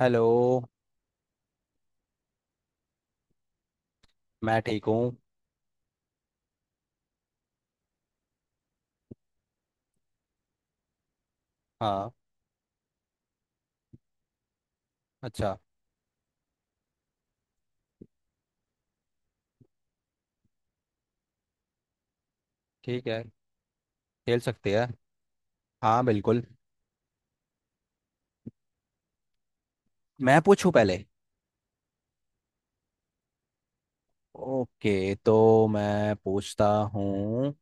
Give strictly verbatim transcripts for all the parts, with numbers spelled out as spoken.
Hello. मैं ठीक हूँ। हाँ। अच्छा। ठीक है। खेल सकते हैं। हाँ बिल्कुल। मैं पूछूं पहले? ओके तो मैं पूछता हूँ।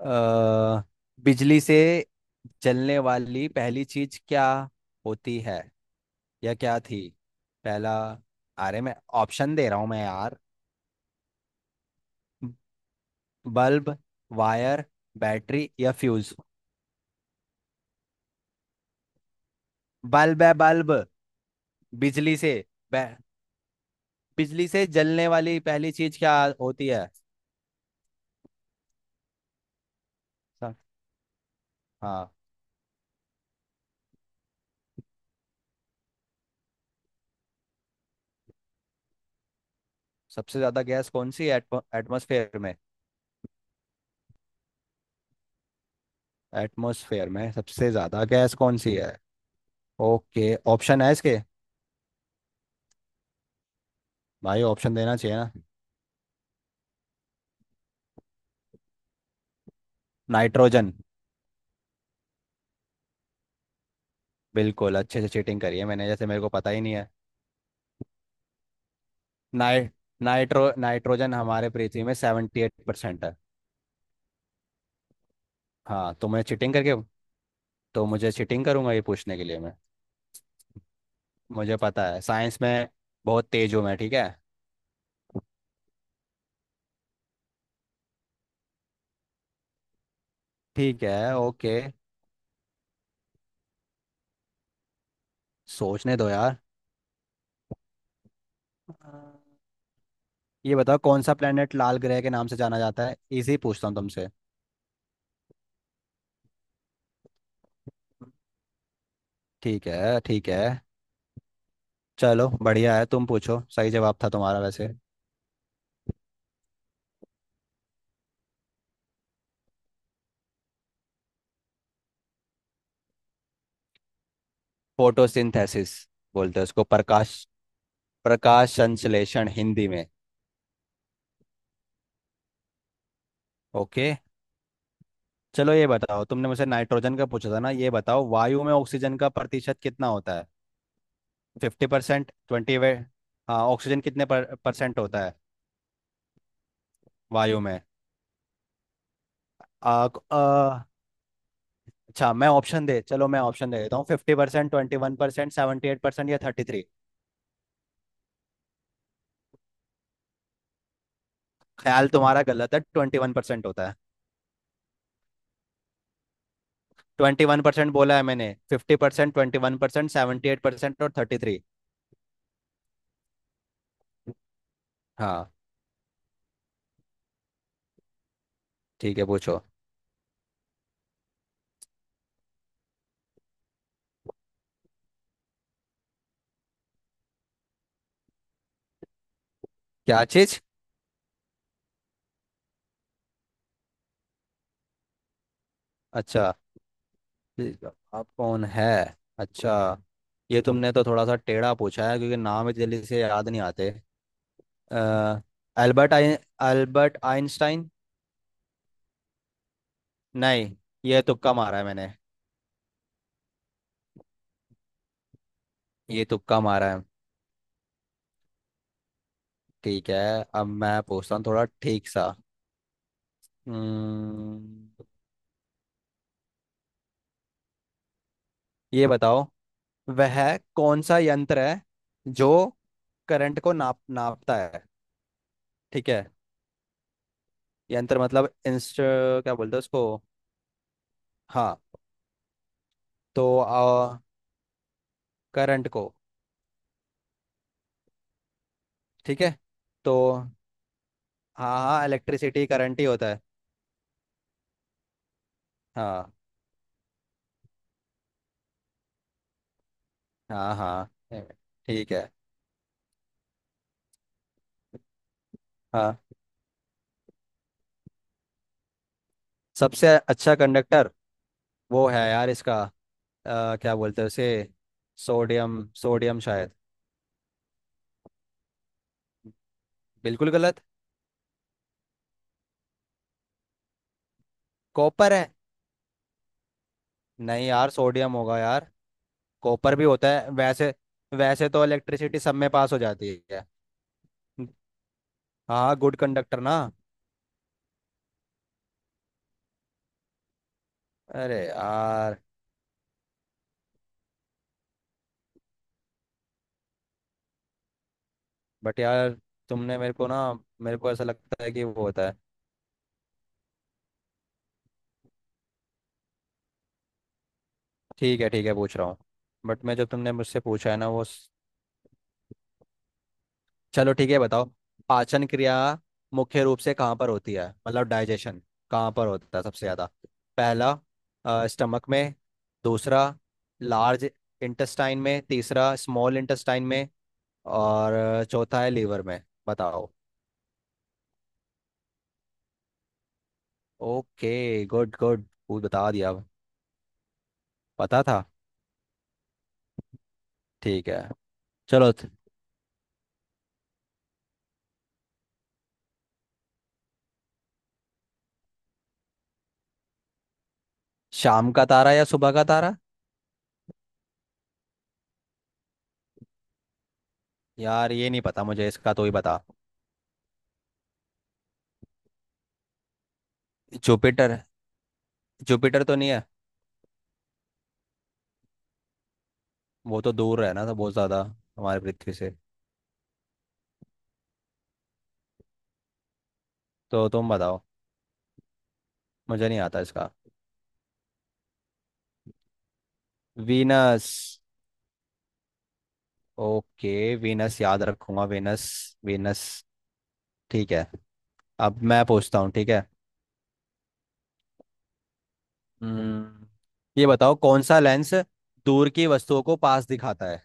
अ, बिजली से जलने वाली पहली चीज क्या होती है या क्या थी? पहला? अरे मैं ऑप्शन दे रहा हूँ मैं यार। बल्ब, वायर, बैटरी या फ्यूज? बल्ब है बल्ब। बिजली से। बै- बिजली से जलने वाली पहली चीज क्या होती है? सा- हाँ। सबसे ज्यादा गैस कौन सी है? एटमॉस्फेयर में। एटमॉस्फेयर में सबसे ज्यादा गैस कौन सी है? ओके ऑप्शन है इसके। भाई ऑप्शन देना चाहिए ना। नाइट्रोजन। बिल्कुल अच्छे से चीटिंग करी है मैंने जैसे मेरे को पता ही नहीं है। नाइ नाइट्रो नाइट्रोजन हमारे पृथ्वी में सेवेंटी एट परसेंट है। हाँ तो मैं चीटिंग करके। तो मुझे चीटिंग करूंगा ये पूछने के लिए मैं। मुझे पता है साइंस में बहुत तेज हूँ मैं। ठीक है। ठीक है। ओके सोचने दो यार। ये बताओ कौन सा प्लेनेट लाल ग्रह के नाम से जाना जाता है? इजी पूछता हूँ तुमसे। ठीक है ठीक है। चलो बढ़िया है, तुम पूछो, सही जवाब था तुम्हारा वैसे। फोटोसिंथेसिस बोलते हैं उसको। प्रकाश। प्रकाश संश्लेषण हिंदी में। ओके। चलो ये बताओ तुमने मुझसे नाइट्रोजन का पूछा था ना, ये बताओ वायु में ऑक्सीजन का प्रतिशत कितना होता है? फिफ्टी परसेंट, ट्वेंटी वे... हाँ ऑक्सीजन कितने पर, परसेंट होता है? वायु में। आ, क- आ, अच्छा मैं ऑप्शन दे, चलो मैं ऑप्शन दे देता हूँ। Fifty percent, twenty one percent, seventy eight percent या थर्टी थ्री? ख्याल तुम्हारा गलत है, ट्वेंटी वन परसेंट होता है। ट्वेंटी वन परसेंट बोला है मैंने। Fifty percent, twenty one percent, seventy eight percent और थर्टी थ्री। हाँ। ठीक है पूछो। क्या चीज? अच्छा ठीक है, आप कौन है? अच्छा। ये तुमने तो थोड़ा सा टेढ़ा पूछा है क्योंकि नाम इतनी जल्दी से याद नहीं आते। अ, अल्बर्ट आइन अल्बर्ट आइंस्टाइन। नहीं, ये तुक्का मारा है मैंने। ये तुक्का मारा है। ठीक है। अब मैं पूछता हूँ थोड़ा ठीक सा। हम्म, ये बताओ, वह कौन सा यंत्र है जो करंट को नाप नापता है? ठीक है। यंत्र मतलब इंस्ट, क्या बोलते हैं उसको? हाँ तो आ, करंट को। ठीक है। तो हाँ हाँ इलेक्ट्रिसिटी करंट ही होता है। हाँ हाँ हाँ है, ठीक है। हाँ सबसे अच्छा कंडक्टर। वो है यार इसका। आ, क्या बोलते हैं उसे? सोडियम सोडियम शायद। बिल्कुल गलत। कॉपर है। नहीं यार सोडियम होगा यार। कॉपर भी होता है वैसे। वैसे तो इलेक्ट्रिसिटी सब में पास हो जाती है। हाँ गुड कंडक्टर ना। अरे यार। बट यार तुमने मेरे को ना, मेरे को ऐसा लगता है कि वो होता है। ठीक है ठीक है, पूछ रहा हूँ। बट मैं, जो तुमने मुझसे पूछा है ना वो स- चलो ठीक है बताओ। पाचन क्रिया मुख्य रूप से कहाँ पर होती है, मतलब डाइजेशन कहाँ पर होता है सबसे ज़्यादा? पहला स्टमक में, दूसरा लार्ज इंटेस्टाइन में, तीसरा स्मॉल इंटेस्टाइन में और चौथा है लीवर में। बताओ। ओके गुड गुड, वो बता दिया। पता था। ठीक है। चलो त- शाम का तारा या सुबह का तारा? यार ये नहीं पता मुझे, इसका तो ही बता। जुपिटर? जुपिटर तो नहीं है? वो तो दूर है ना तो बहुत ज्यादा हमारे पृथ्वी से। तो तुम बताओ। मुझे नहीं आता इसका। वीनस। ओके वीनस याद रखूंगा। वीनस। वीनस। ठीक है। अब मैं पूछता हूँ, ठीक है? हम्म, ये बताओ कौन सा लेंस दूर की वस्तुओं को पास दिखाता है?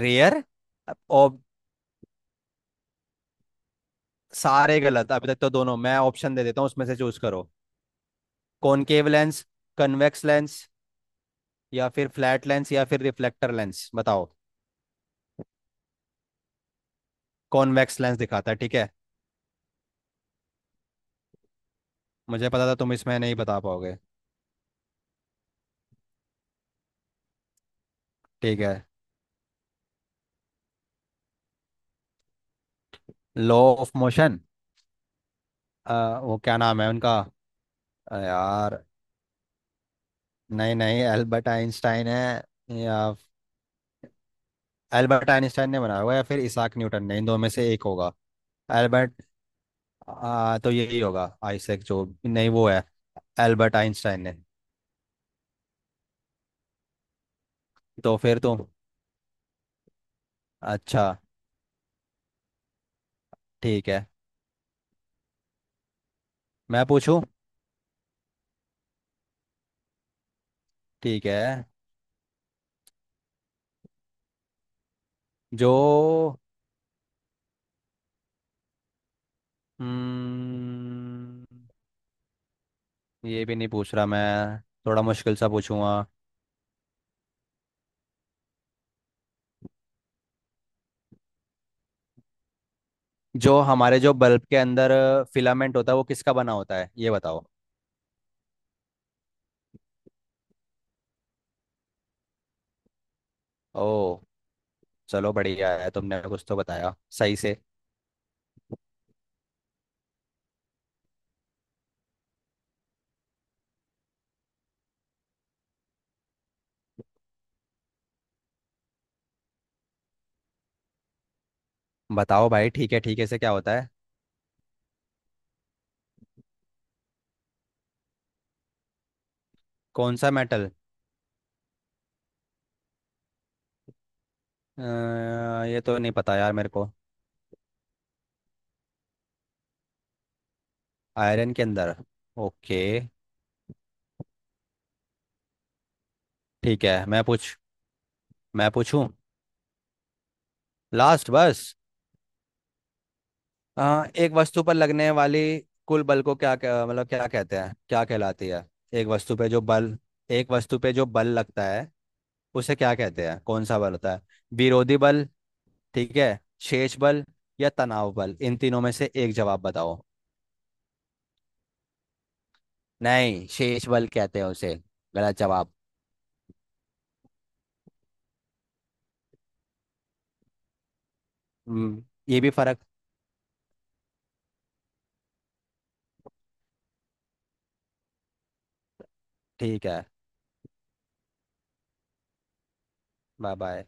रेयर? और सारे गलत अभी तक तो दोनों। मैं ऑप्शन दे देता हूँ, उसमें से चूज करो। कॉनकेव लेंस, कन्वेक्स लेंस, या फिर फ्लैट लेंस, या फिर रिफ्लेक्टर लेंस? बताओ। कॉन्वेक्स लेंस दिखाता है, ठीक है। मुझे पता था तुम इसमें नहीं बता पाओगे। ठीक है। Law of motion. वो क्या नाम है उनका? अ, यार नहीं नहीं, एल्बर्ट आइंस्टाइन है? या एल्बर्ट आइंस्टाइन ने बनाया होगा या फिर इसाक न्यूटन ने? इन दो में से एक होगा। एल्बर्ट। आ, तो यही होगा। आइसैक जो नहीं वो है। एल्बर्ट आइंस्टाइन ने। तो फिर तुम। अच्छा। ठीक है। मैं पूछूं? ठीक है। जो, हम्म ये भी नहीं पूछ रहा मैं। थोड़ा मुश्किल सा पूछूंगा। जो हमारे जो बल्ब के अंदर फिलामेंट होता है वो किसका बना होता है, ये बताओ? ओ, चलो बढ़िया है, तुमने कुछ तो बताया सही से। बताओ भाई। ठीक है ठीक है से क्या होता है? कौन सा मेटल? ये तो नहीं पता यार मेरे को। आयरन के अंदर। ओके। ठीक है। मैं पूछ मैं पूछूं लास्ट बस। आ, एक वस्तु पर लगने वाली कुल बल को क्या क्या- मतलब क्या कहते हैं, क्या कहलाती है? एक वस्तु पे जो बल एक वस्तु पे जो बल लगता है उसे क्या कहते हैं? कौन सा बल होता है? विरोधी बल, ठीक है, शेष बल या तनाव बल? इन तीनों में से एक जवाब बताओ। नहीं शेष बल कहते हैं उसे। गलत जवाब। हम्म। ये भी फर्क। ठीक है। Bye bye.